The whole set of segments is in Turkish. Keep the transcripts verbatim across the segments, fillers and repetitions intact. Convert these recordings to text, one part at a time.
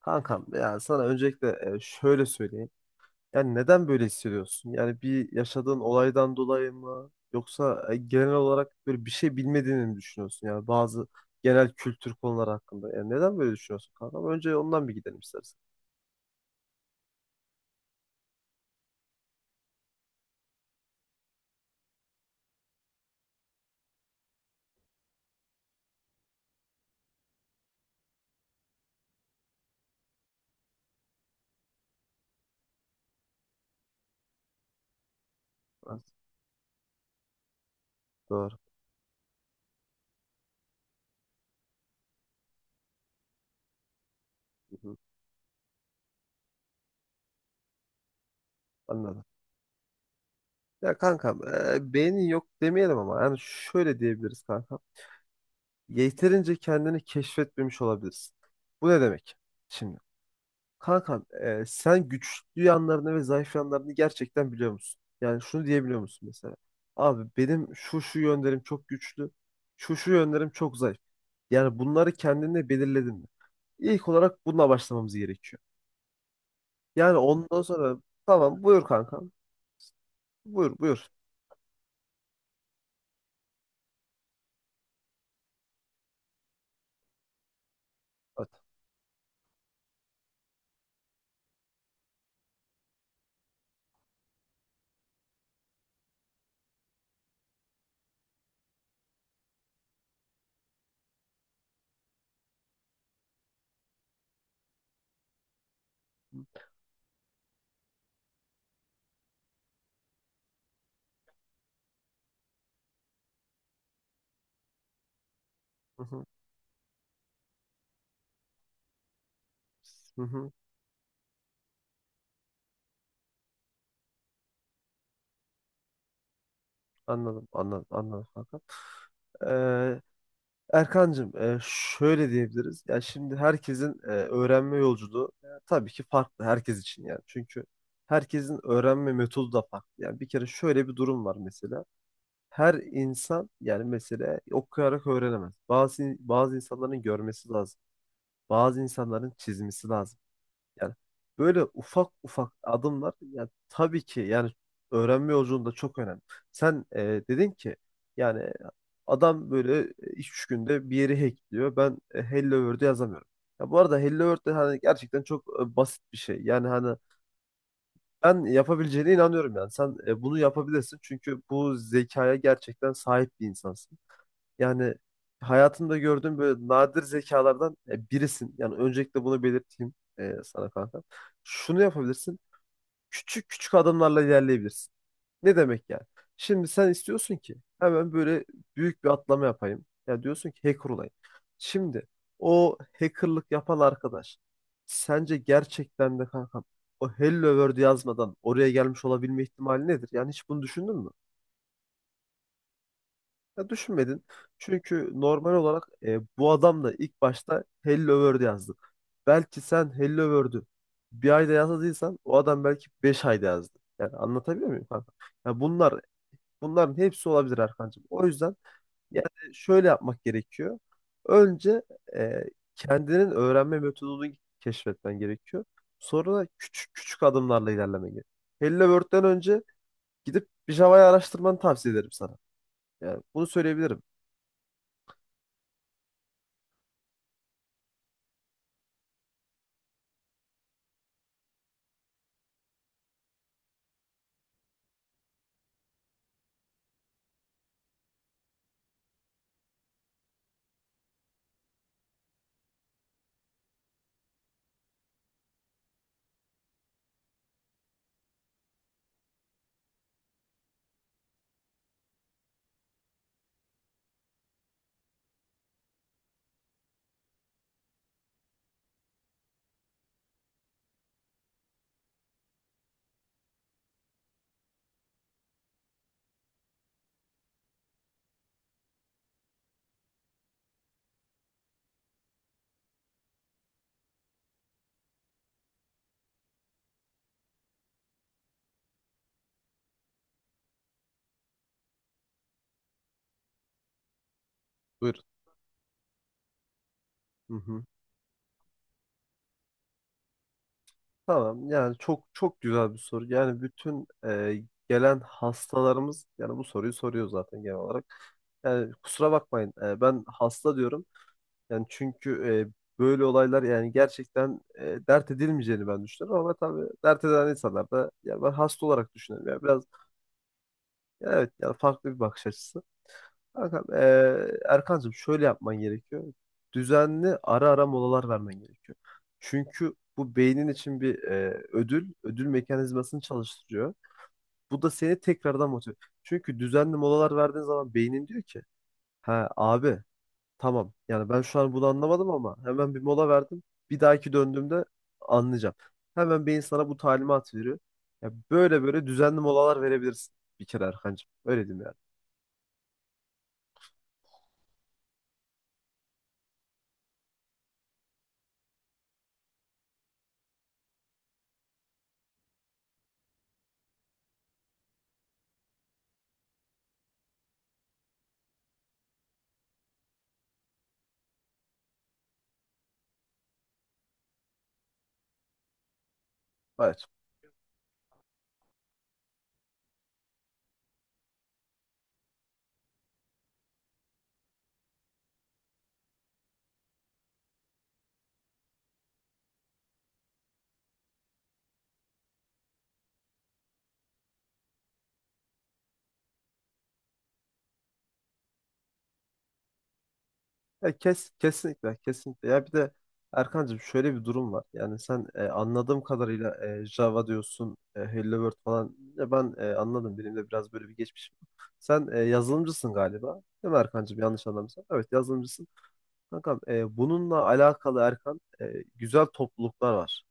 Kankam, ya sana öncelikle e, şöyle söyleyeyim. Yani neden böyle hissediyorsun? Yani bir yaşadığın olaydan dolayı mı? Yoksa e, genel olarak böyle bir şey bilmediğini mi düşünüyorsun? Yani bazı genel kültür konuları hakkında. Yani neden böyle düşünüyorsun kankam? Önce ondan bir gidelim istersen. Evet, doğru. Hı hı. Anladım. Ya kankam, e, beynin yok demeyelim ama yani şöyle diyebiliriz kankam. Yeterince kendini keşfetmemiş olabilirsin. Bu ne demek? Şimdi kankam, e, sen güçlü yanlarını ve zayıf yanlarını gerçekten biliyor musun? Yani şunu diyebiliyor musun mesela? Abi benim şu şu yönlerim çok güçlü, şu şu yönlerim çok zayıf. Yani bunları kendine belirledin mi? İlk olarak bununla başlamamız gerekiyor. Yani ondan sonra tamam, buyur kankam. Buyur buyur. Hadi. Hı hı. Hı hı. Anladım, anladım, anladım kanka. Ee, Erkancığım, e, şöyle diyebiliriz. Ya şimdi herkesin e, öğrenme yolculuğu e, tabii ki farklı herkes için yani. Çünkü herkesin öğrenme metodu da farklı. Yani bir kere şöyle bir durum var mesela. Her insan yani mesela okuyarak öğrenemez. Bazı bazı insanların görmesi lazım. Bazı insanların çizmesi lazım. Yani böyle ufak ufak adımlar yani tabii ki yani öğrenme yolculuğunda çok önemli. Sen e, dedin ki yani adam böyle e, iki üç günde bir yeri hackliyor. Ben e, Hello World'ü yazamıyorum. Ya bu arada Hello World de hani gerçekten çok e, basit bir şey. Yani hani ben yapabileceğine inanıyorum yani. Sen e, bunu yapabilirsin çünkü bu zekaya gerçekten sahip bir insansın. Yani hayatımda gördüğüm böyle nadir zekalardan e, birisin. Yani öncelikle bunu belirteyim e, sana kanka. Şunu yapabilirsin. Küçük küçük adımlarla ilerleyebilirsin. Ne demek yani? Şimdi sen istiyorsun ki hemen böyle büyük bir atlama yapayım. Ya diyorsun ki hacker olayım. Şimdi o hackerlık yapan arkadaş sence gerçekten de kanka, o Hello World yazmadan oraya gelmiş olabilme ihtimali nedir? Yani hiç bunu düşündün mü? Ya düşünmedin. Çünkü normal olarak e, bu adam da ilk başta Hello World yazdı. Belki sen Hello World'ü bir ayda yazmadıysan o adam belki beş ayda yazdı. Yani anlatabiliyor muyum kanka? Ya bunlar bunların hepsi olabilir Erkancığım. O yüzden yani şöyle yapmak gerekiyor. Önce e, kendinin öğrenme metodunu keşfetmen gerekiyor. Sonra da küçük küçük adımlarla ilerlemen gerekiyor. Hello World'den önce gidip bir Java'yı araştırmanı tavsiye ederim sana. Yani bunu söyleyebilirim. Buyur. Hı hı. Tamam, yani çok çok güzel bir soru. Yani bütün e, gelen hastalarımız yani bu soruyu soruyor zaten genel olarak. Yani kusura bakmayın, e, ben hasta diyorum. Yani çünkü e, böyle olaylar yani gerçekten e, dert edilmeyeceğini ben düşünüyorum ama tabii dert eden insanlar da yani ben hasta olarak düşünüyorum. Yani biraz evet yani farklı bir bakış açısı. Kankam, eee Erkancığım şöyle yapman gerekiyor. Düzenli ara ara molalar vermen gerekiyor. Çünkü bu beynin için bir eee, ödül, ödül mekanizmasını çalıştırıyor. Bu da seni tekrardan motive. Çünkü düzenli molalar verdiğin zaman beynin diyor ki, ha abi, tamam yani ben şu an bunu anlamadım ama hemen bir mola verdim. Bir dahaki döndüğümde anlayacağım. Hemen beyin sana bu talimat veriyor. Ya böyle böyle düzenli molalar verebilirsin bir kere Erkancığım. Öyle diyeyim yani. Evet. Ya kes, kesinlikle, kesinlikle. Ya bir de Erkancığım şöyle bir durum var. Yani sen e, anladığım kadarıyla e, Java diyorsun, e, Hello World falan. Ya ben e, anladım. Benim de biraz böyle bir geçmişim var. Sen e, yazılımcısın galiba. Değil mi Erkancığım? Yanlış anlamıyorsam. Evet, yazılımcısın. Kankam, e, bununla alakalı Erkan, e, güzel topluluklar var.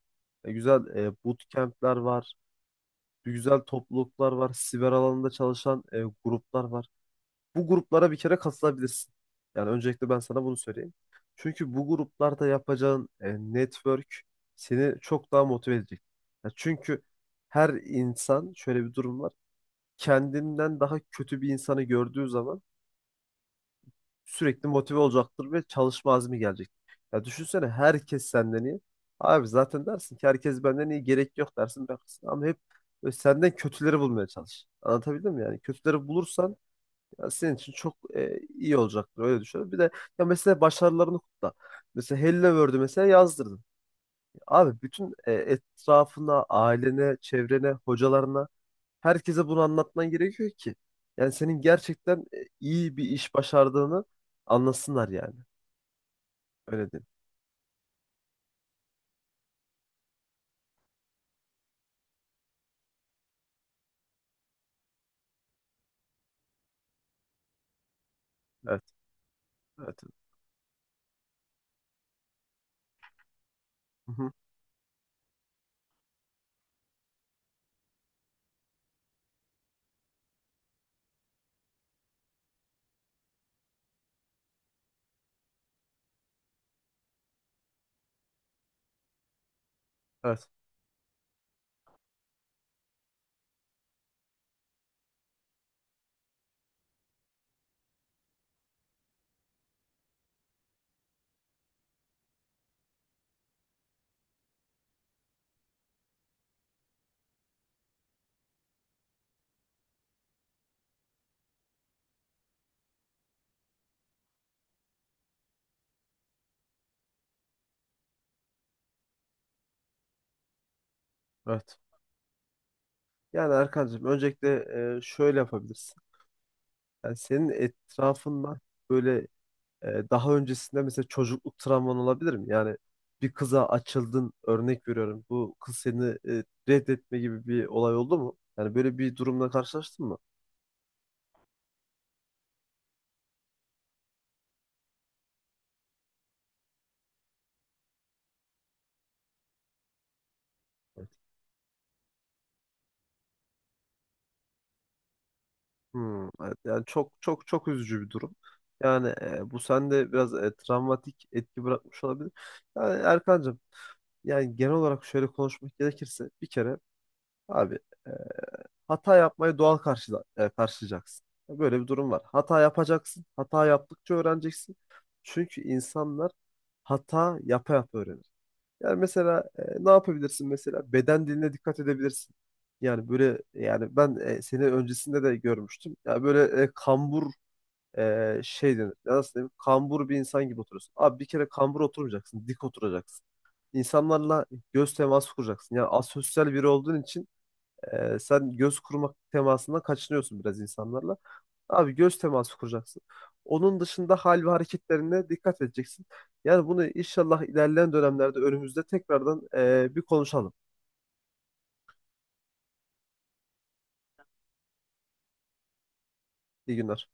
E, güzel e, bootcamp'ler var. Güzel topluluklar var. Siber alanında çalışan e, gruplar var. Bu gruplara bir kere katılabilirsin. Yani öncelikle ben sana bunu söyleyeyim. Çünkü bu gruplarda yapacağın e, network seni çok daha motive edecek. Ya çünkü her insan şöyle bir durum var. Kendinden daha kötü bir insanı gördüğü zaman sürekli motive olacaktır ve çalışma azmi gelecek. Ya düşünsene herkes senden iyi. Abi zaten dersin ki herkes benden iyi, gerek yok dersin, bakarsın. Ama hep böyle senden kötüleri bulmaya çalış. Anlatabildim mi yani? Kötüleri bulursan ya senin için çok e, iyi olacaktır, öyle düşünüyorum. Bir de ya mesela başarılarını kutla. Mesela Hello World'ü mesela yazdırdın. Abi bütün e, etrafına, ailene, çevrene, hocalarına, herkese bunu anlatman gerekiyor ki yani senin gerçekten e, iyi bir iş başardığını anlasınlar yani. Öyle değil. Evet, evet. Hı hı, evet, evet. Yani Erkancığım öncelikle e, şöyle yapabilirsin. Yani senin etrafında böyle Ee, daha öncesinde mesela çocukluk travman olabilir mi? Yani bir kıza açıldın, örnek veriyorum. Bu kız seni e, reddetme gibi bir olay oldu mu? Yani böyle bir durumla karşılaştın mı? Evet. Hmm, evet. Yani çok çok çok üzücü bir durum. Yani e, bu sende biraz e, travmatik etki bırakmış olabilir. Yani Erkancığım yani genel olarak şöyle konuşmak gerekirse bir kere abi, hata yapmayı doğal karşıla, e, karşılayacaksın. Böyle bir durum var. Hata yapacaksın. Hata yaptıkça öğreneceksin. Çünkü insanlar hata yapa yapa öğrenir. Yani mesela e, ne yapabilirsin mesela? Beden diline dikkat edebilirsin. Yani böyle yani ben e, seni öncesinde de görmüştüm. Yani böyle e, kambur e, şey denir. Ya nasıl diyeyim? Kambur bir insan gibi oturuyorsun. Abi bir kere kambur oturmayacaksın. Dik oturacaksın. İnsanlarla göz teması kuracaksın. Yani asosyal biri olduğun için ee, sen göz kurmak temasından kaçınıyorsun biraz insanlarla. Abi göz teması kuracaksın. Onun dışında hal ve hareketlerine dikkat edeceksin. Yani bunu inşallah ilerleyen dönemlerde önümüzde tekrardan e, bir konuşalım. İyi günler.